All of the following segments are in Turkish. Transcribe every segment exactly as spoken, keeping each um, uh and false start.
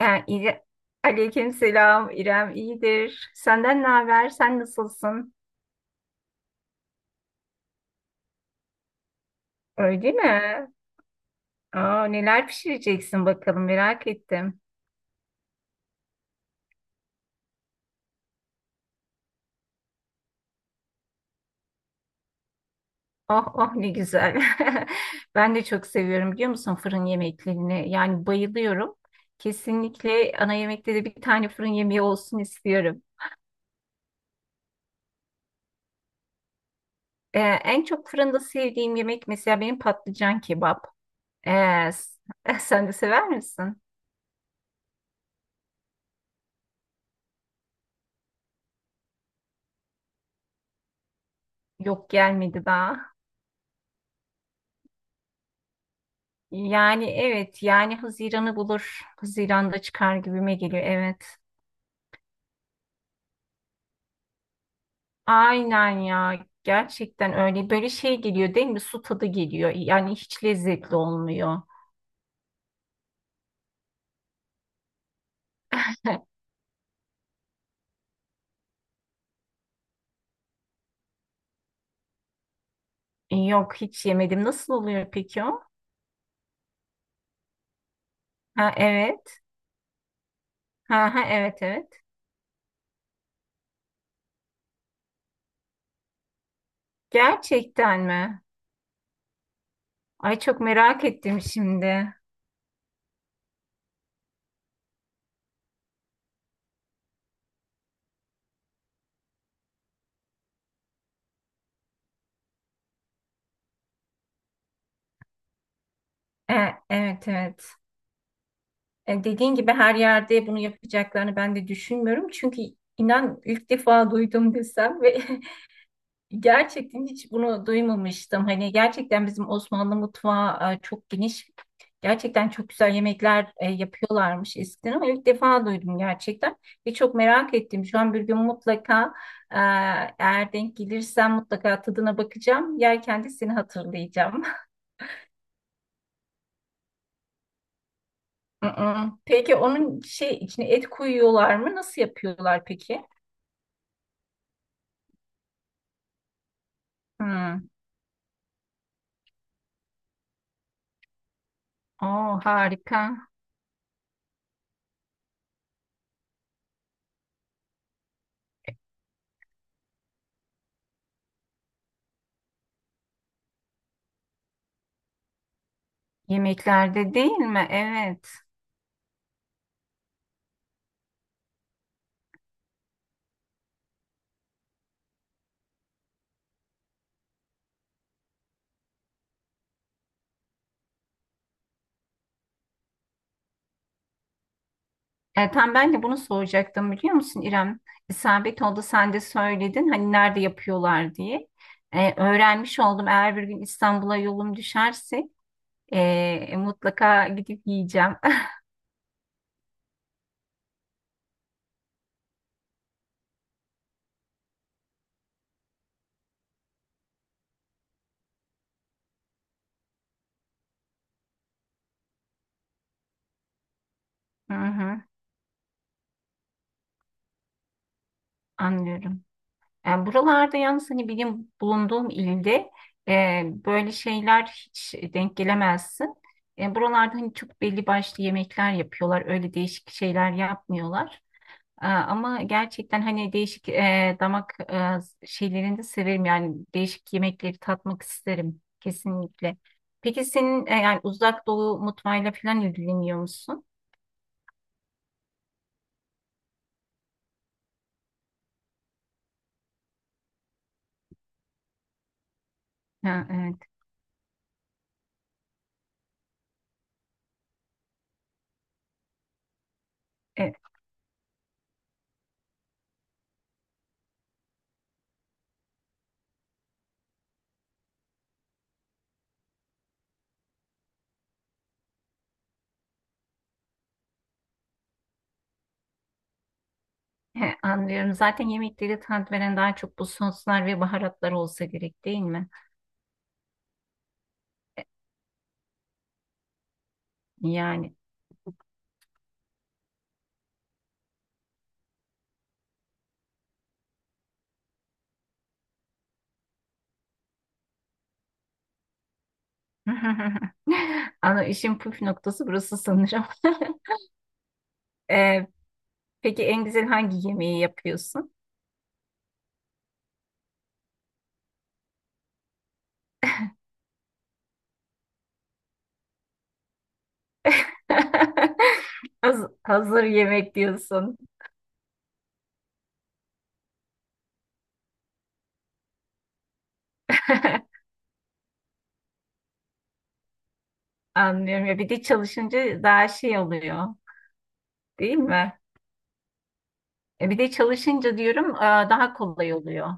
Yani İre- Aleyküm selam İrem iyidir. Senden ne haber? Sen nasılsın? Öyle mi? Aa, neler pişireceksin bakalım merak ettim. Oh oh ne güzel. Ben de çok seviyorum biliyor musun fırın yemeklerini. Yani bayılıyorum. Kesinlikle ana yemekte de bir tane fırın yemeği olsun istiyorum. Ee, en çok fırında sevdiğim yemek mesela benim patlıcan kebap. Ee, s- Sen de sever misin? Yok gelmedi daha. Yani evet yani Haziran'ı bulur. Haziran'da çıkar gibime geliyor evet. Aynen ya gerçekten öyle böyle şey geliyor değil mi? Su tadı geliyor yani hiç lezzetli olmuyor. Yok hiç yemedim. Nasıl oluyor peki o? Ha evet. Ha ha evet evet. Gerçekten mi? Ay çok merak ettim şimdi. E, evet evet. E, dediğin gibi her yerde bunu yapacaklarını ben de düşünmüyorum. Çünkü inan ilk defa duydum desem ve Gerçekten hiç bunu duymamıştım. Hani gerçekten bizim Osmanlı mutfağı e, çok geniş. Gerçekten çok güzel yemekler e, yapıyorlarmış eskiden ama ilk defa duydum gerçekten. Ve çok merak ettim. Şu an bir gün mutlaka e, eğer denk gelirsem mutlaka tadına bakacağım. Yerken de seni hatırlayacağım. Hı-hı. Peki onun şey içine et koyuyorlar mı? Nasıl yapıyorlar peki? Hmm. Oo, harika. Yemeklerde değil mi? Evet. E, tam ben de bunu soracaktım biliyor musun İrem? İsabet oldu sen de söyledin hani nerede yapıyorlar diye. E, öğrenmiş oldum eğer bir gün İstanbul'a yolum düşerse e, mutlaka gidip yiyeceğim. Hı hı, anlıyorum. Yani buralarda yalnız hani benim bulunduğum ilde e, böyle şeyler hiç denk gelemezsin. E, buralarda hani çok belli başlı yemekler yapıyorlar öyle değişik şeyler yapmıyorlar. Aa, ama gerçekten hani değişik e, damak e, şeylerini de severim yani değişik yemekleri tatmak isterim kesinlikle. Peki senin e, yani uzak doğu mutfağıyla falan ilgileniyor musun? Ha, evet, evet. He, anlıyorum. Zaten yemekleri tat veren daha çok bu soslar ve baharatlar olsa gerek değil mi? E, Yani. Ana işin püf noktası burası sanırım. E, peki en güzel hangi yemeği yapıyorsun? Haz- Hazır yemek diyorsun. Anlıyorum ya bir de çalışınca daha şey oluyor değil mi? E bir de çalışınca diyorum e, daha kolay oluyor.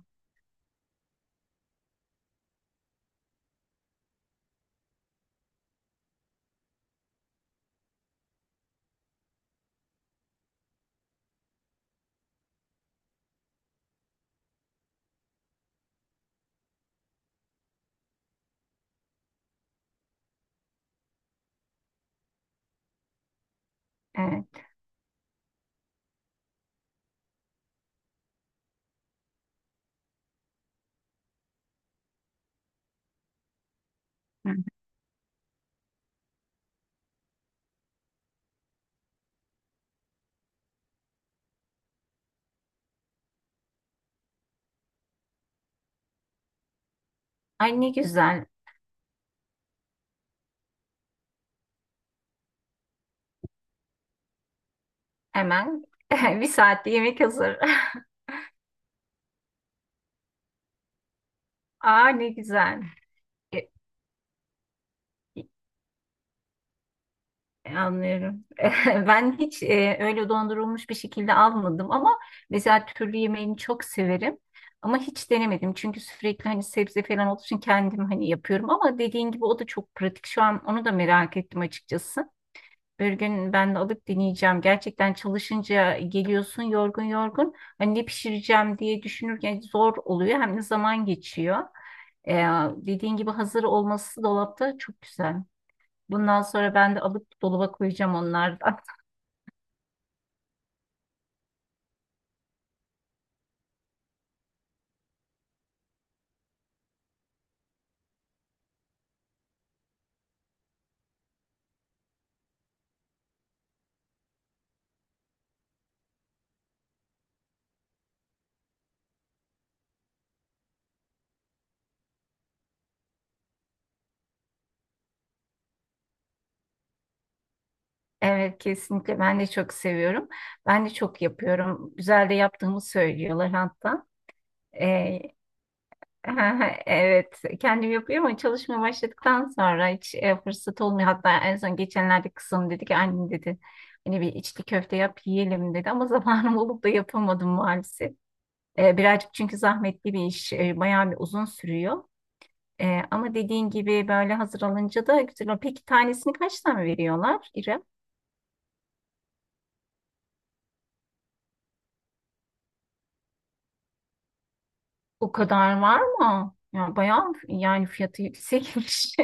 Evet. Hı hı. Ay ne güzel hemen bir saatte yemek hazır. Aa ne güzel. E, Anlıyorum. Ben hiç e, öyle dondurulmuş bir şekilde almadım ama mesela türlü yemeğini çok severim. Ama hiç denemedim çünkü sürekli hani sebze falan olduğu için kendim hani yapıyorum ama dediğin gibi o da çok pratik. Şu an onu da merak ettim açıkçası. Bir gün ben de alıp deneyeceğim. Gerçekten çalışınca geliyorsun yorgun yorgun. Hani ne pişireceğim diye düşünürken zor oluyor hem de zaman geçiyor. E, Dediğin gibi hazır olması dolapta çok güzel. Bundan sonra ben de alıp dolaba koyacağım onlardan. Evet kesinlikle ben de çok seviyorum. Ben de çok yapıyorum. Güzel de yaptığımı söylüyorlar hatta. Ee, evet kendim yapıyorum ama çalışmaya başladıktan sonra hiç e, fırsat olmuyor. Hatta en son geçenlerde kızım dedi ki annem dedi hani bir içli köfte yap yiyelim dedi ama zamanım olup da yapamadım maalesef. Ee, birazcık çünkü zahmetli bir iş. Ee, bayağı bir uzun sürüyor. Ee, ama dediğin gibi böyle hazır alınca da güzel oluyor. Peki tanesini kaç tane veriyorlar İrem? O kadar var mı? Ya bayağı yani fiyatı yüksekmiş.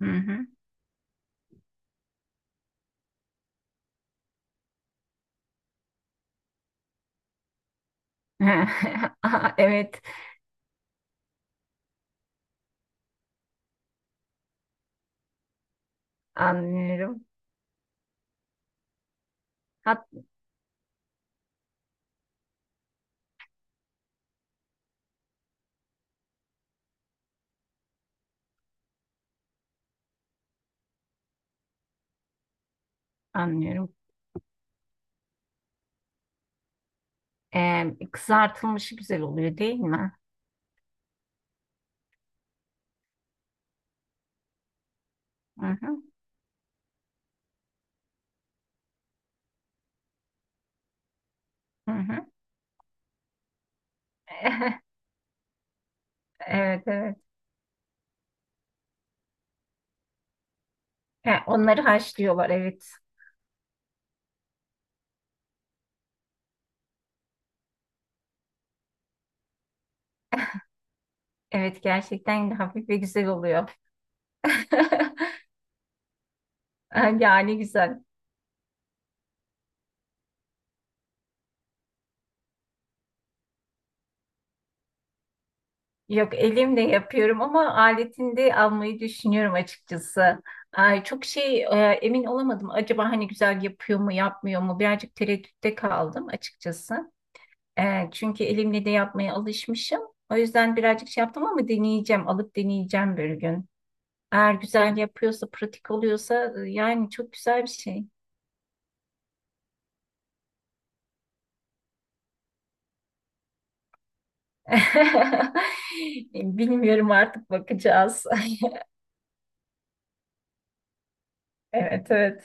Hı hı. Aa, evet, anlıyorum. Hat Anlıyorum. Ee, Kızartılmışı güzel oluyor değil mi? Hı hı. Hı hı. Evet evet. Ha, onları haşlıyorlar evet. Evet gerçekten hafif ve güzel oluyor. Yani güzel. Yok elimle yapıyorum ama aletini de almayı düşünüyorum açıkçası. Ay, çok şey e, emin olamadım. Acaba hani güzel yapıyor mu yapmıyor mu? Birazcık tereddütte kaldım açıkçası. E, çünkü elimle de yapmaya alışmışım. O yüzden birazcık şey yaptım ama deneyeceğim. Alıp deneyeceğim bir gün. Eğer güzel yapıyorsa, pratik oluyorsa e, yani çok güzel bir şey. Bilmiyorum artık bakacağız. Evet evet.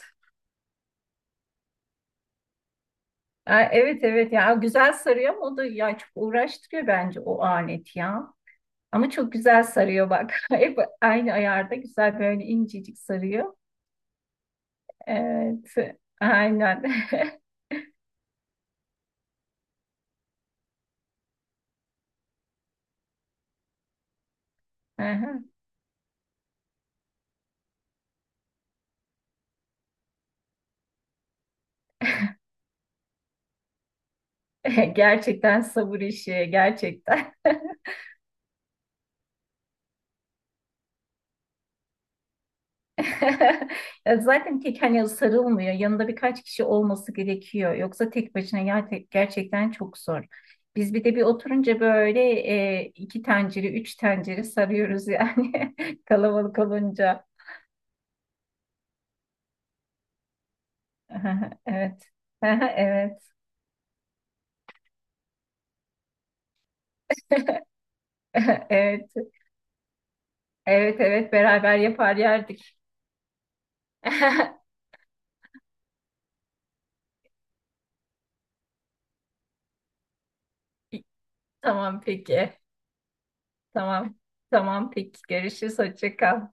E, evet evet ya güzel sarıyor ama o da ya çok uğraştırıyor bence o alet ya. Ama çok güzel sarıyor bak. Hep aynı ayarda güzel böyle incecik sarıyor. Evet aynen. Aha. Gerçekten sabır işi gerçekten. Ya zaten tek hani sarılmıyor. Yanında birkaç kişi olması gerekiyor. Yoksa tek başına ger- gerçekten çok zor. Biz bir de bir oturunca böyle e, iki tencere, üç tencere sarıyoruz yani kalabalık olunca. Aha, evet. Aha, evet. Evet. Evet, evet beraber yapar yerdik. Tamam peki. Tamam. Tamam peki. Görüşürüz. Hoşça kal.